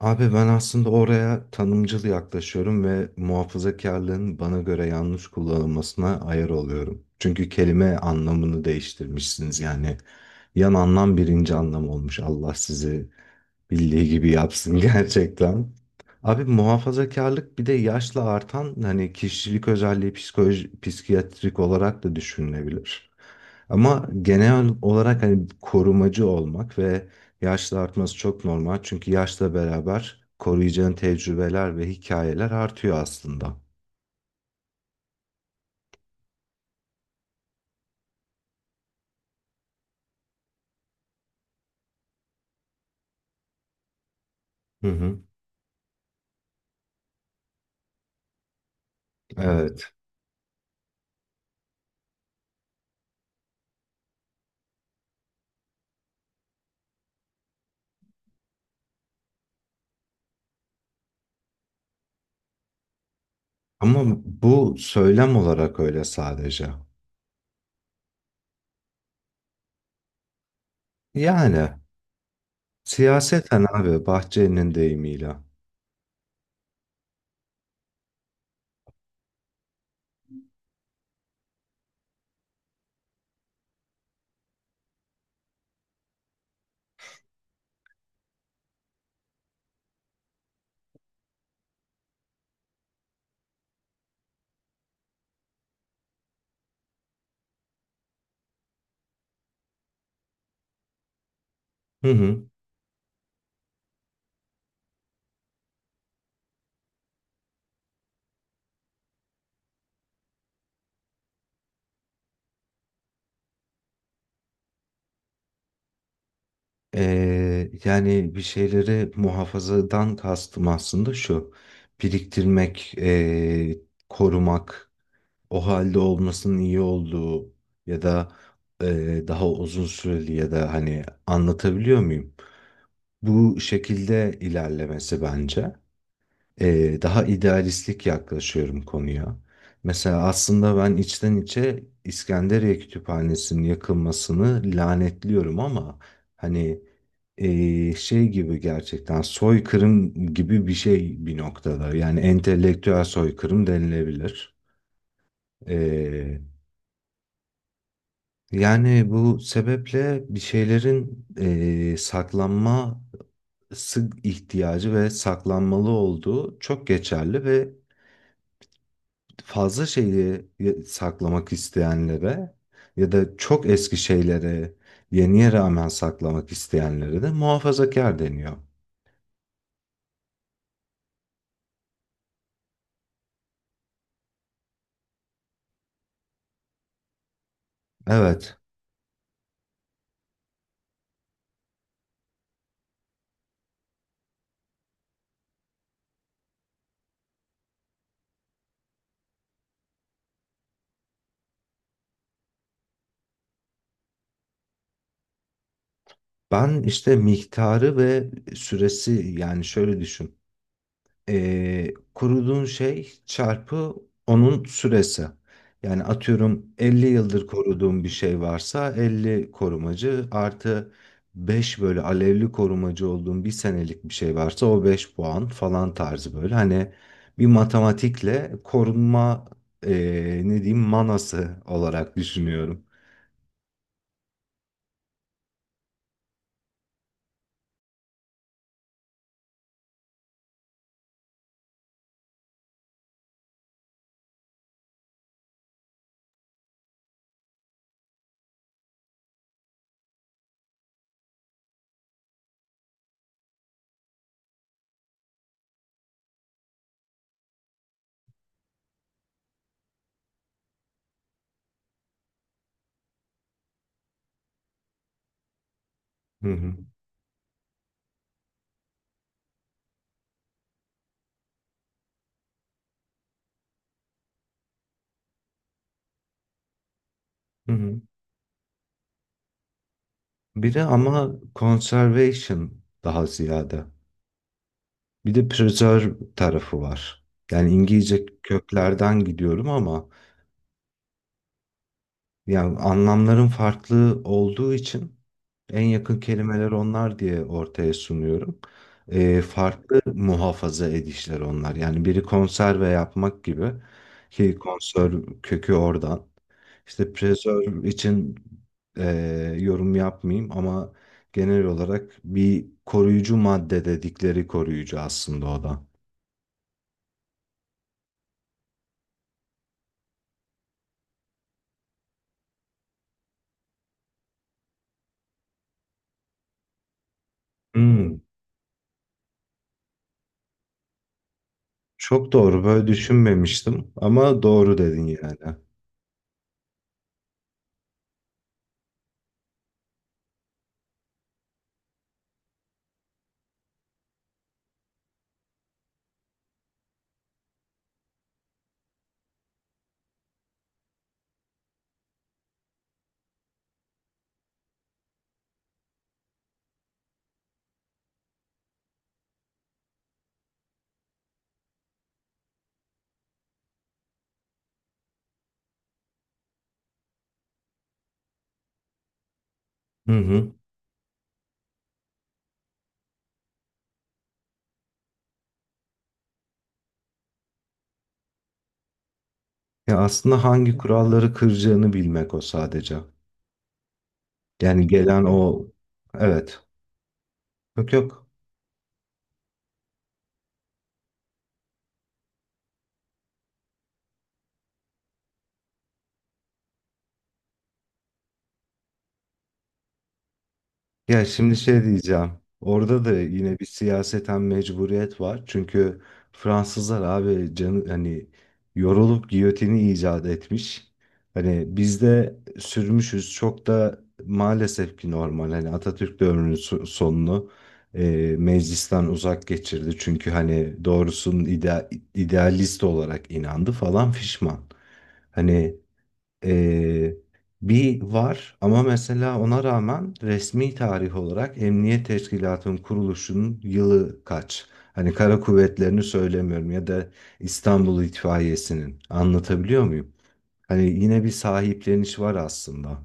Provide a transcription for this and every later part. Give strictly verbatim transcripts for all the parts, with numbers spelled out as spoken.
Abi ben aslında oraya tanımcıl yaklaşıyorum ve muhafazakarlığın bana göre yanlış kullanılmasına ayar oluyorum. Çünkü kelime anlamını değiştirmişsiniz yani. Yan anlam birinci anlam olmuş. Allah sizi bildiği gibi yapsın gerçekten. Abi muhafazakarlık bir de yaşla artan hani kişilik özelliği psikoloji, psikiyatrik olarak da düşünülebilir. Ama genel olarak hani korumacı olmak ve yaşla artması çok normal çünkü yaşla beraber koruyacağın tecrübeler ve hikayeler artıyor aslında. Hı hı. Evet. Ama bu söylem olarak öyle sadece. Yani siyaseten abi Bahçeli'nin deyimiyle. Hı hı. Ee, yani bir şeyleri muhafazadan kastım aslında şu. Biriktirmek, ee, korumak, o halde olmasının iyi olduğu ya da e, daha uzun süreli ya da hani anlatabiliyor muyum? Bu şekilde ilerlemesi bence. E, daha idealistlik yaklaşıyorum konuya. Mesela aslında ben içten içe İskenderiye Kütüphanesi'nin yakılmasını lanetliyorum ama hani e, şey gibi gerçekten soykırım gibi bir şey bir noktada. Yani entelektüel soykırım denilebilir. E, Yani bu sebeple bir şeylerin eee saklanması ihtiyacı ve saklanmalı olduğu çok geçerli ve fazla şeyi e, saklamak isteyenlere ya da çok eski şeylere yeniye rağmen saklamak isteyenlere de muhafazakar deniyor. Evet, ben işte miktarı ve süresi yani şöyle düşün. e, koruduğun şey çarpı onun süresi. Yani atıyorum elli yıldır koruduğum bir şey varsa elli korumacı artı beş böyle alevli korumacı olduğum bir senelik bir şey varsa o beş puan falan tarzı böyle. Hani bir matematikle korunma e, ne diyeyim manası olarak düşünüyorum. Hı hı. Hı hı. Biri ama conservation daha ziyade. Bir de preserve tarafı var. Yani İngilizce köklerden gidiyorum ama yani anlamların farklı olduğu için en yakın kelimeler onlar diye ortaya sunuyorum. Ee, farklı muhafaza edişler onlar. Yani biri konserve yapmak gibi ki konserv kökü oradan. İşte preserve için e, yorum yapmayayım ama genel olarak bir koruyucu madde dedikleri koruyucu aslında o da. Hmm. Çok doğru. Böyle düşünmemiştim ama doğru dedin yani. Hı hı. Ya aslında hangi kuralları kıracağını bilmek o sadece. Yani gelen o, evet. Yok yok. Ya şimdi şey diyeceğim. Orada da yine bir siyaseten mecburiyet var. Çünkü Fransızlar abi canı hani yorulup giyotini icat etmiş. Hani bizde sürmüşüz çok da maalesef ki normal. Hani Atatürk döneminin so- sonunu e, meclisten uzak geçirdi. Çünkü hani doğrusunun ide- idealist olarak inandı falan fişman. Hani ee, bir var ama mesela ona rağmen resmi tarih olarak Emniyet Teşkilatı'nın kuruluşunun yılı kaç? Hani kara kuvvetlerini söylemiyorum ya da İstanbul İtfaiyesi'nin. Anlatabiliyor muyum? Hani yine bir sahipleniş var aslında.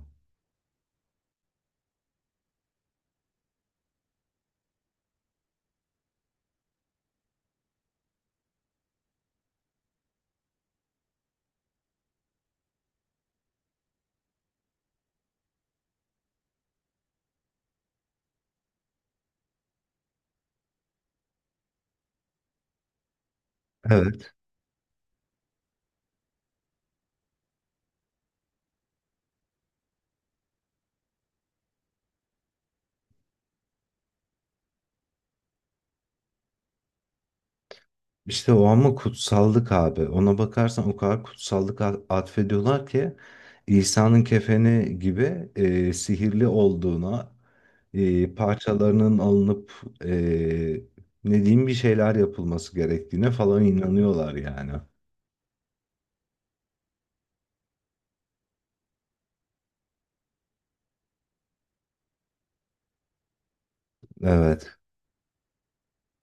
İşte o ama kutsallık abi. Ona bakarsan o kadar kutsallık a- atfediyorlar ki İsa'nın kefeni gibi e, sihirli olduğuna, e, parçalarının alınıp e, ne diyeyim bir şeyler yapılması gerektiğine falan inanıyorlar yani. Evet.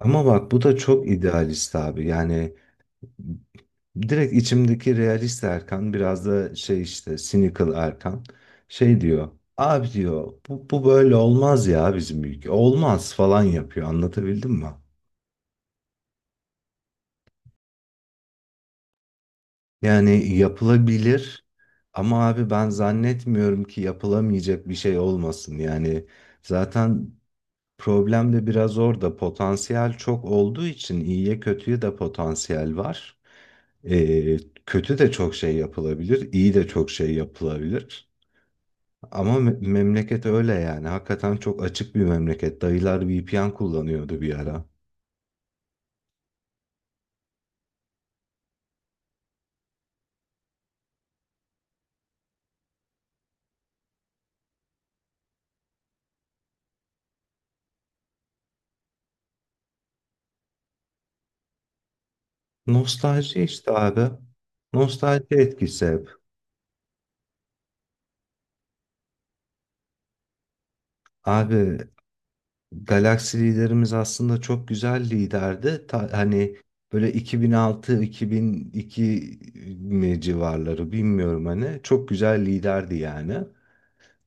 Ama bak bu da çok idealist abi. Yani Direkt içimdeki realist Erkan biraz da şey işte cynical Erkan şey diyor. Abi diyor bu, bu böyle olmaz ya bizim ülke. Olmaz falan yapıyor anlatabildim mi? Yani yapılabilir ama abi ben zannetmiyorum ki yapılamayacak bir şey olmasın. Yani zaten problem de biraz orada potansiyel çok olduğu için iyiye kötüye de potansiyel var. Ee, kötü de çok şey yapılabilir, iyi de çok şey yapılabilir. Ama me- memleket öyle yani. Hakikaten çok açık bir memleket. Dayılar V P N kullanıyordu bir ara. Nostalji işte abi. Nostalji etkisi hep. Abi Galaxy liderimiz aslında çok güzel liderdi. Ta- hani böyle iki bin altı-iki bin iki mi civarları bilmiyorum hani. Çok güzel liderdi yani.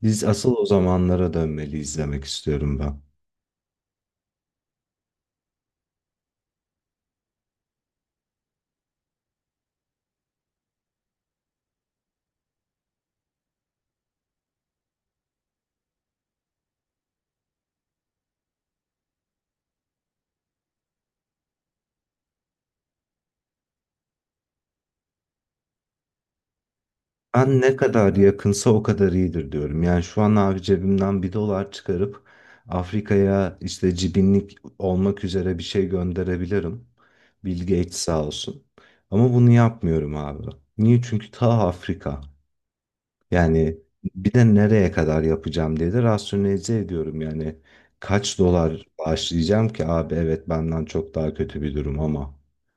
Biz asıl o zamanlara dönmeli izlemek istiyorum ben. Ben ne kadar yakınsa o kadar iyidir diyorum. Yani şu an abi cebimden bir dolar çıkarıp Afrika'ya işte cibinlik olmak üzere bir şey gönderebilirim. Bill Gates sağ olsun. Ama bunu yapmıyorum abi. Niye? Çünkü ta Afrika. Yani bir de nereye kadar yapacağım diye de rasyonelize ediyorum. Yani kaç dolar başlayacağım ki abi evet benden çok daha kötü bir durum ama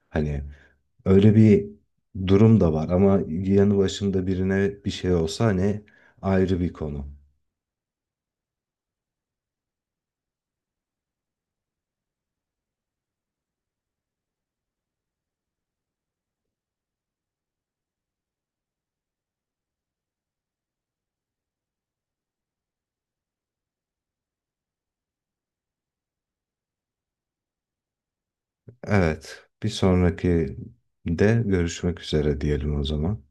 hani Öyle bir durum da var ama yanı başımda birine bir şey olsa hani ayrı bir konu. Evet, bir sonraki de görüşmek üzere diyelim o zaman.